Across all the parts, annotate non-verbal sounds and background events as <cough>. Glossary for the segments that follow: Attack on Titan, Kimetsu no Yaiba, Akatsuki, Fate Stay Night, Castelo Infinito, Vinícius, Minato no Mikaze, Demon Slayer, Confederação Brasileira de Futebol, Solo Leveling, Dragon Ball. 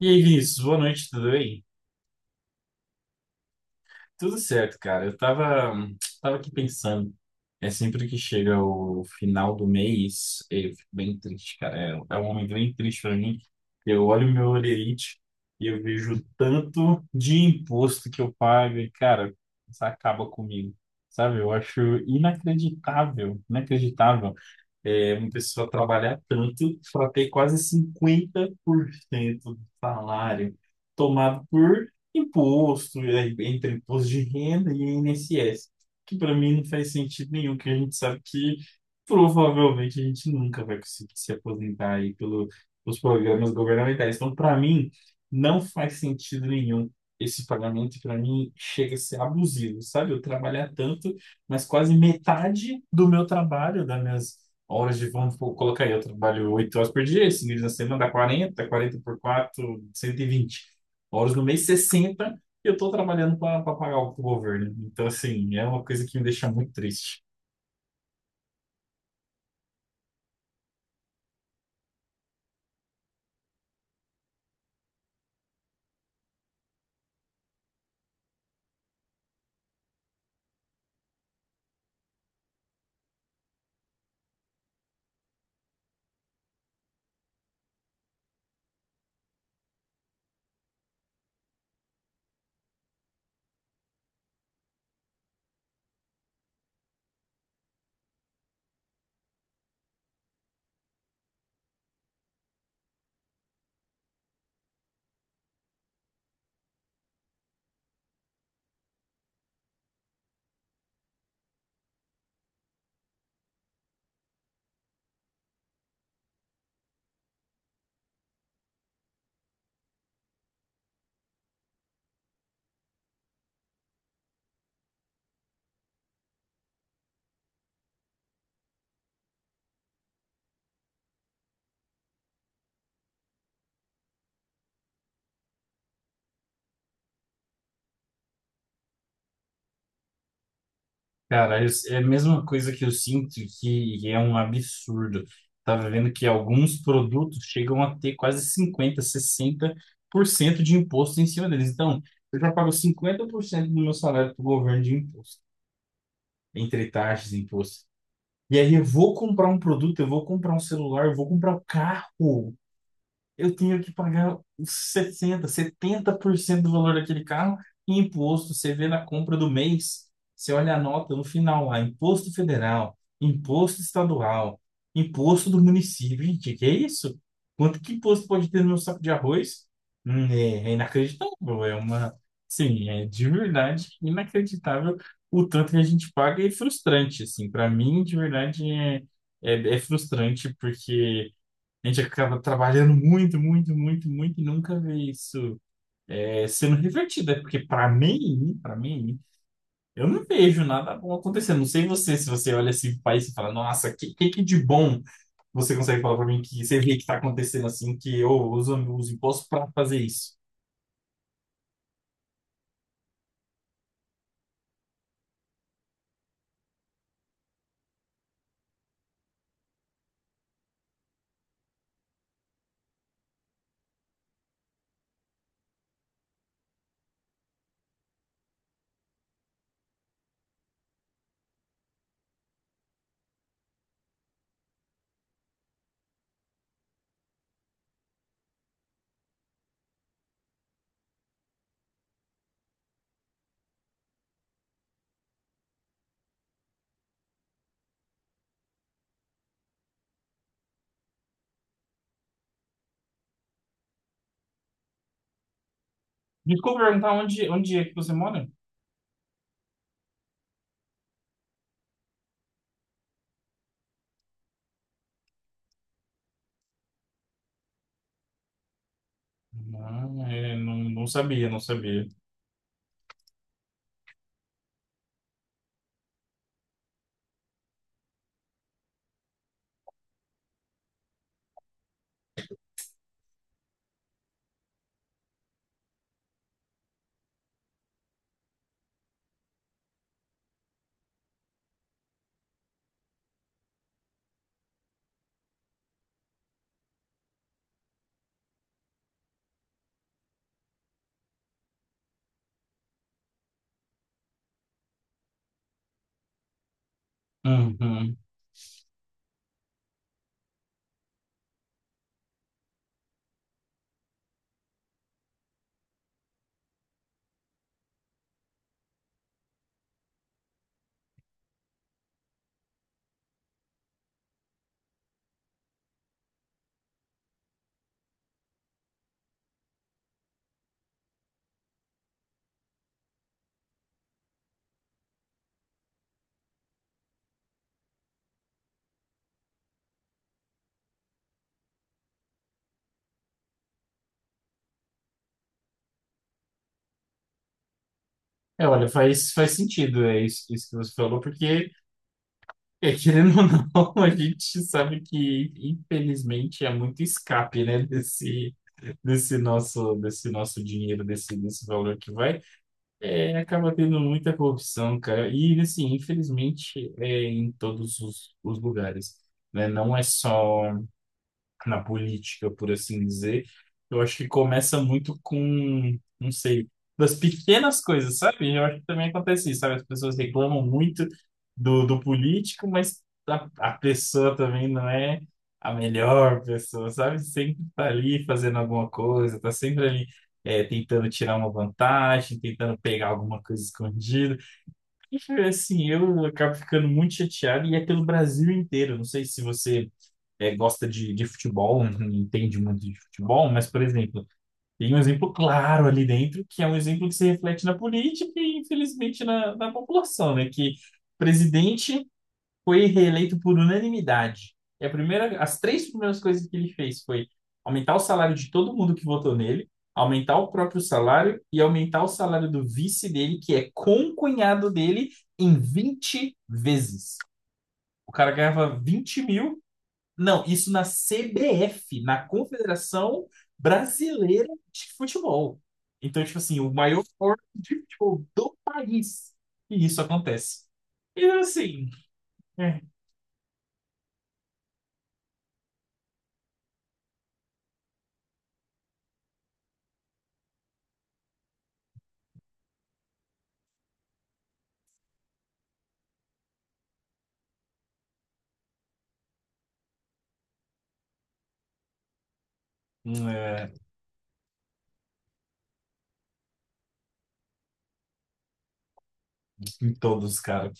E aí, Vinícius, boa noite, tudo bem? Tudo certo, cara. Eu tava aqui pensando. Sempre que chega o final do mês, eu fico bem triste, cara. É um momento bem triste pra mim. Eu olho meu holerite e eu vejo tanto de imposto que eu pago e, cara, isso acaba comigo, sabe? Eu acho inacreditável, uma pessoa trabalhar tanto para ter quase 50% do salário tomado por imposto, entre imposto de renda e INSS, que para mim não faz sentido nenhum, que a gente sabe que provavelmente a gente nunca vai conseguir se aposentar aí pelos programas governamentais. Então, para mim, não faz sentido nenhum. Esse pagamento, para mim, chega a ser abusivo, sabe? Eu trabalhar tanto, mas quase metade do meu trabalho, das minhas horas de, vamos pô, colocar aí, eu trabalho 8 horas por dia, 5 dias na semana dá 40, quarenta por quatro 120 horas no mês, 60 e eu tô trabalhando para pagar o governo. Então, assim, é uma coisa que me deixa muito triste. É a mesma coisa que eu sinto, que é um absurdo. Tava vendo que alguns produtos chegam a ter quase 50-60% de imposto em cima deles. Então, eu já pago 50% do meu salário para o governo de imposto, entre taxas e impostos. E aí eu vou comprar um produto, eu vou comprar um celular, eu vou comprar um carro, eu tinha que pagar os 60, 70% do valor daquele carro em imposto. Você vê na compra do mês, você olha a nota no final lá, imposto federal, imposto estadual, imposto do município. Gente, que é isso? Quanto que imposto pode ter no meu saco de arroz? É inacreditável, sim, é de verdade inacreditável o tanto que a gente paga e é frustrante, assim, para mim, de verdade, é frustrante porque a gente acaba trabalhando muito, muito, muito, muito e nunca vê isso sendo revertido. É porque, para mim, eu não vejo nada bom acontecendo. Não sei você, se você olha esse país e fala, nossa, que de bom você consegue falar para mim que você vê que está acontecendo assim, que eu uso os impostos para fazer isso? Desculpa perguntar onde é que você mora? Não, não, não sabia, não sabia. Uhum. É, olha, faz sentido é isso que você falou, porque, é, querendo ou não, <laughs> a gente sabe que, infelizmente, muito escape, né, desse nosso dinheiro, desse valor que vai. É, acaba tendo muita corrupção, cara. E, assim, infelizmente, é em todos os lugares, né? Não é só na política, por assim dizer, eu acho que começa muito com, não sei, das pequenas coisas, sabe? Eu acho que também acontece isso, sabe? As pessoas reclamam muito do político, mas a pessoa também não é a melhor pessoa, sabe? Sempre tá ali fazendo alguma coisa, tá sempre ali, tentando tirar uma vantagem, tentando pegar alguma coisa escondida. Enfim, assim, eu acabo ficando muito chateado e é pelo Brasil inteiro. Não sei se você, gosta de futebol, não entende muito de futebol, mas, por exemplo, tem um exemplo claro ali dentro, que é um exemplo que se reflete na política e, infelizmente, na população, né? Que o presidente foi reeleito por unanimidade. E as três primeiras coisas que ele fez foi aumentar o salário de todo mundo que votou nele, aumentar o próprio salário e aumentar o salário do vice dele, que é concunhado dele, em 20 vezes. O cara ganhava 20 mil, não, isso na CBF, na Confederação Brasileira de Futebol. Então, tipo assim, o maior órgão de futebol do país. E isso acontece. E assim, é, é, em todos, cara.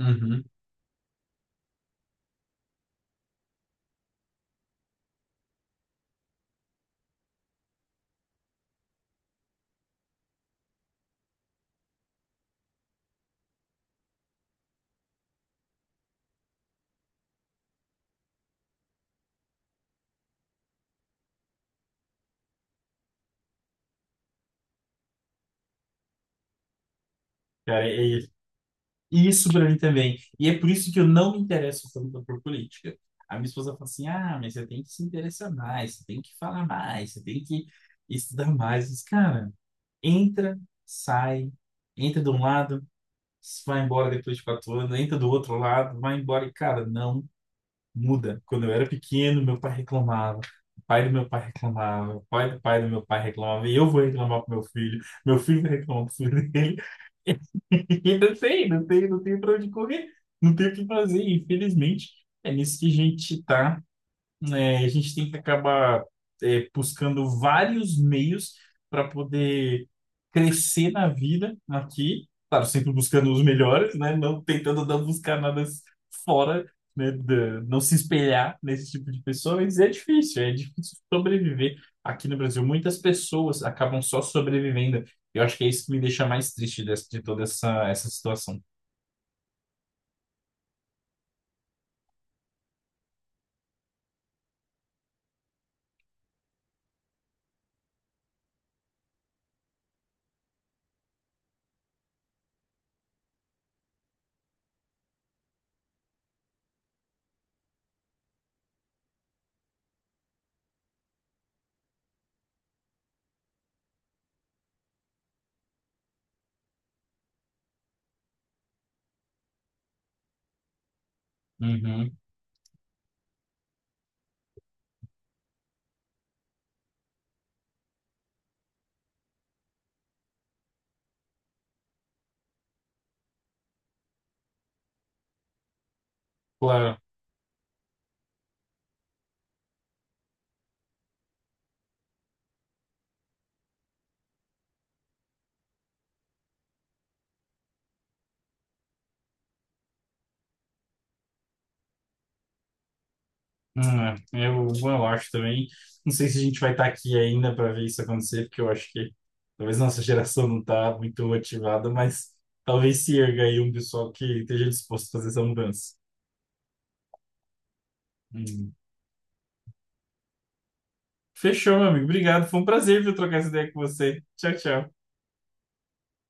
Uhum. Cara, é isso pra mim também. E é por isso que eu não me interesso tanto por política. A minha esposa fala assim: ah, mas você tem que se interessar mais, você tem que falar mais, você tem que estudar mais. Mas, cara, entra, sai, entra de um lado, se vai embora depois de 4 anos, entra do outro lado, vai embora e, cara, não muda. Quando eu era pequeno, meu pai reclamava. O pai do meu pai reclamava, o pai do meu pai reclamava, e eu vou reclamar pro meu filho vai reclamar pro filho dele, <laughs> e não sei, não tem pra onde correr, não tem o que fazer, infelizmente, é nisso que a gente tá, né, a gente tem que acabar, buscando vários meios para poder crescer na vida aqui, claro, sempre buscando os melhores, né, não tentando não buscar nada s- fora, né, não se espelhar nesse tipo de pessoas. É difícil, é difícil sobreviver aqui no Brasil. Muitas pessoas acabam só sobrevivendo. Eu acho que é isso que me deixa mais triste de toda essa situação. Uhum, claro. Hum, é, eu acho também. Não sei se a gente vai estar aqui ainda para ver isso acontecer, porque eu acho que talvez nossa <laughs> geração não está muito motivada, mas talvez se erga aí um pessoal que esteja disposto a fazer essa mudança. Hum. Fechou, meu amigo. Obrigado. Foi um prazer, viu, trocar essa ideia com você. Tchau, tchau.